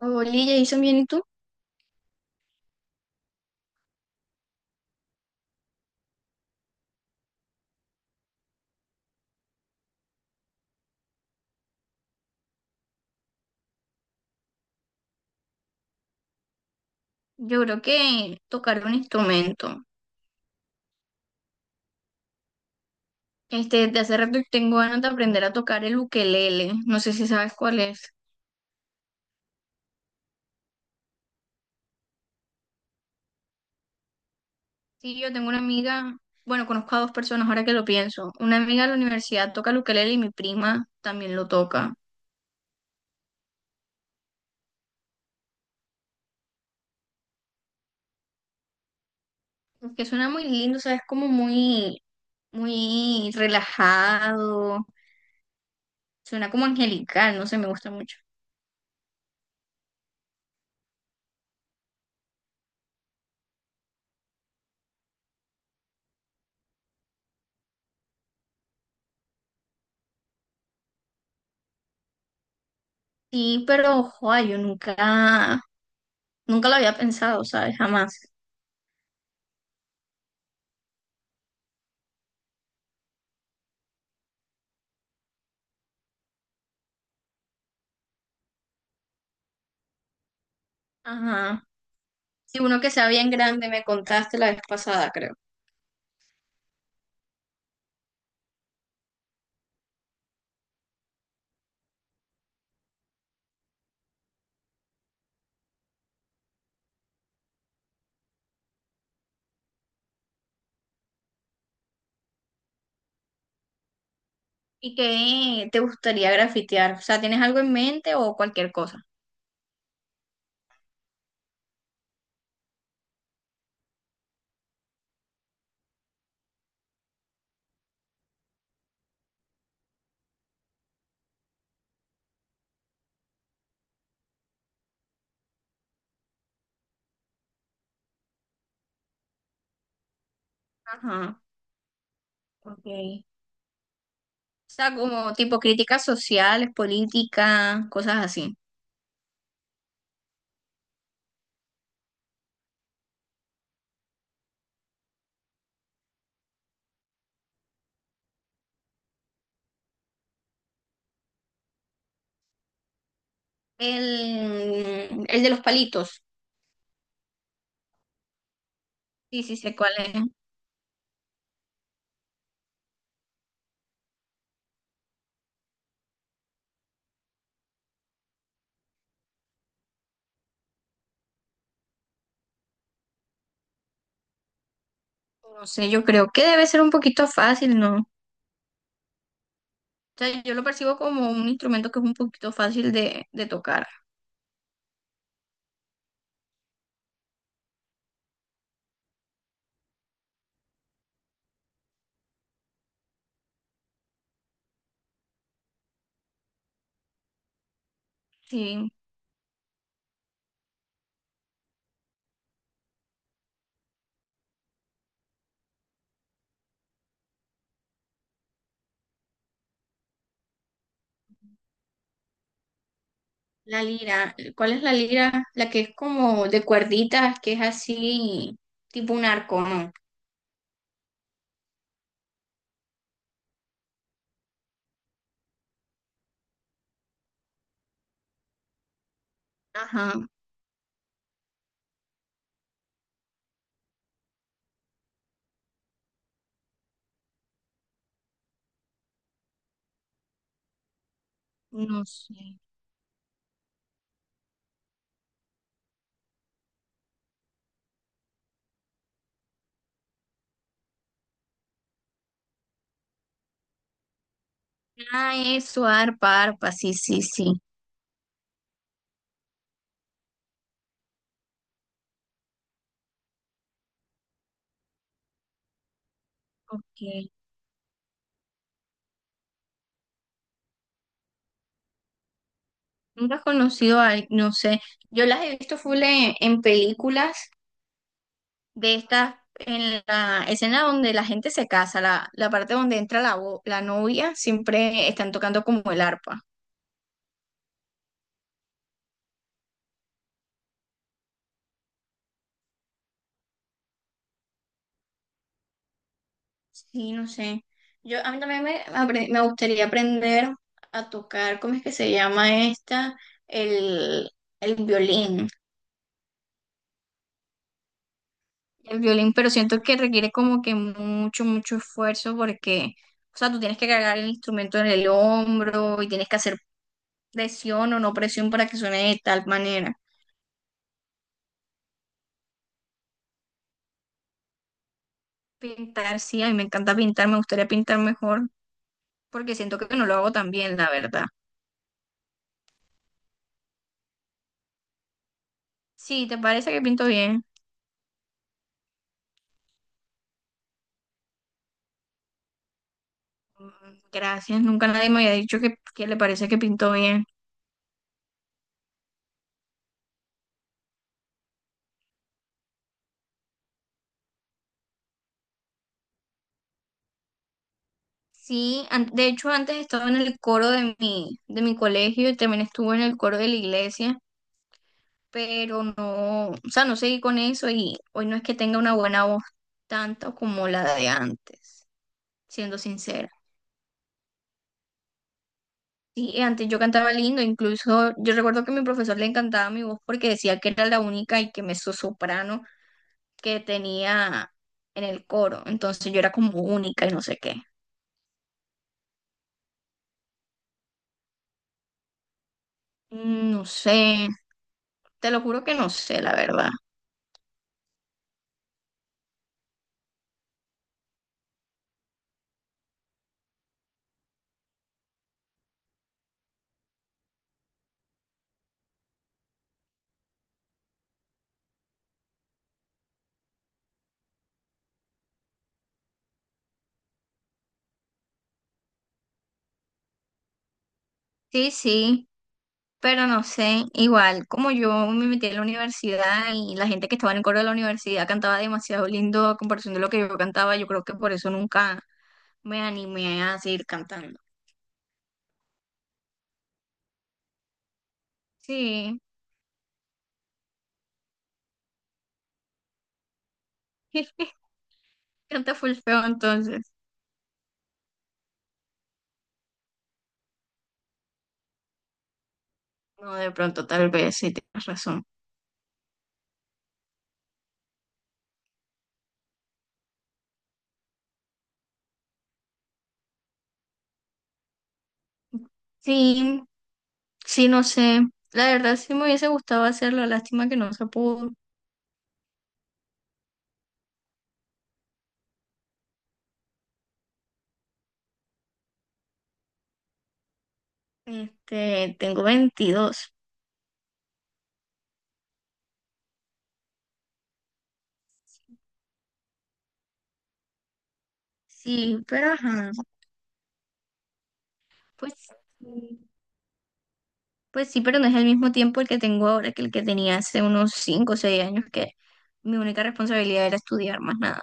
Oli, Jason, bien, ¿y tú? Yo creo que tocar un instrumento. De hace rato tengo ganas de aprender a tocar el ukelele. No sé si sabes cuál es. Sí, yo tengo una amiga, bueno, conozco a dos personas ahora que lo pienso. Una amiga de la universidad toca el ukelele y mi prima también lo toca. Que suena muy lindo, ¿sabes? Como muy, muy relajado. Suena como angelical, no sé, me gusta mucho. Sí, pero, ojo, yo nunca, nunca lo había pensado, ¿sabes? Jamás. Ajá. Sí, uno que sea bien grande, me contaste la vez pasada, creo. ¿Y qué te gustaría grafitear? O sea, ¿tienes algo en mente o cualquier cosa? Ajá, ok. O sea, como tipo críticas sociales, políticas, cosas así. El de los palitos. Sí, sí, sé cuál es. No sé, yo creo que debe ser un poquito fácil, ¿no? O sea, yo lo percibo como un instrumento que es un poquito fácil de tocar. Sí. La lira, ¿cuál es la lira? La que es como de cuerditas, que es así, tipo un arco, ¿no? Ajá, no sé. Ah, eso, arpa, arpa, sí, sí, sí. Ok. Nunca he conocido a, al- no sé. Yo las he visto full en películas de estas, en la escena donde la gente se casa, la parte donde entra la, bo- la novia, siempre están tocando como el arpa. Sí, no sé. Yo, a mí también me, apre- me gustaría aprender a tocar, ¿cómo es que se llama esta? El, el violín. El violín, pero siento que requiere como que mucho, mucho esfuerzo porque, o sea, tú tienes que cargar el instrumento en el hombro y tienes que hacer presión o no presión para que suene de tal manera. Pintar, sí, a mí me encanta pintar, me gustaría pintar mejor porque siento que no lo hago tan bien, la verdad. Sí, ¿te parece que pinto bien? Gracias, nunca nadie me había dicho que le parece que pintó bien. Sí, an- de hecho antes estaba en el coro de mi colegio y también estuve en el coro de la iglesia, pero no, o sea, no seguí con eso y hoy no es que tenga una buena voz tanto como la de antes, siendo sincera. Sí, antes yo cantaba lindo, incluso yo recuerdo que a mi profesor le encantaba mi voz porque decía que era la única y que soprano que tenía en el coro, entonces yo era como única y no sé qué. No sé, te lo juro que no sé, la verdad. Sí, sí, pero no sé. Igual, como yo me metí en la universidad y la gente que estaba en el coro de la universidad cantaba demasiado lindo a comparación de lo que yo cantaba, yo creo que por eso nunca me animé a seguir cantando. Sí, canta full feo entonces. No, de pronto tal vez, sí, tienes razón. Sí, sí, no sé. La verdad sí me hubiese gustado hacerlo, lástima que no se pudo. Tengo 22. Sí, pero ajá, pues, sí, pues sí, pero no es el mismo tiempo el que tengo ahora que el que tenía hace unos 5 o 6 años, que mi única responsabilidad era estudiar más nada.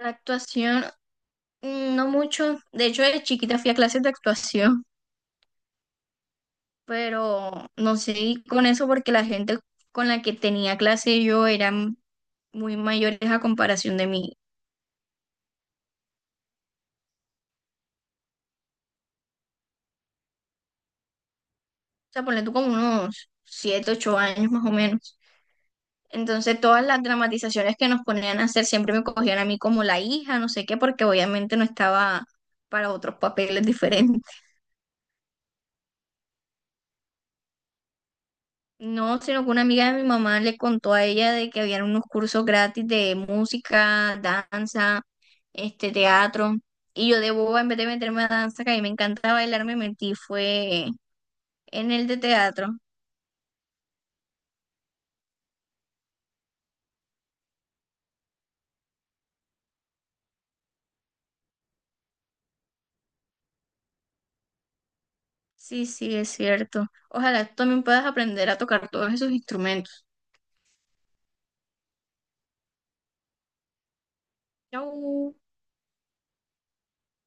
La actuación, mm, no mucho. De hecho, de chiquita fui a clases de actuación, pero no seguí con eso porque la gente con la que tenía clase yo eran muy mayores a comparación de mí. O sea, ponle tú como unos 7 8 años más o menos. Entonces todas las dramatizaciones que nos ponían a hacer siempre me cogían a mí como la hija, no sé qué, porque obviamente no estaba para otros papeles diferentes. No, sino que una amiga de mi mamá le contó a ella de que habían unos cursos gratis de música, danza, este teatro. Y yo de boba, en vez de meterme a danza, que a mí me encanta bailar, me metí fue en el de teatro. Sí, sí, es cierto. Ojalá tú también puedas aprender a tocar todos esos instrumentos. Chau.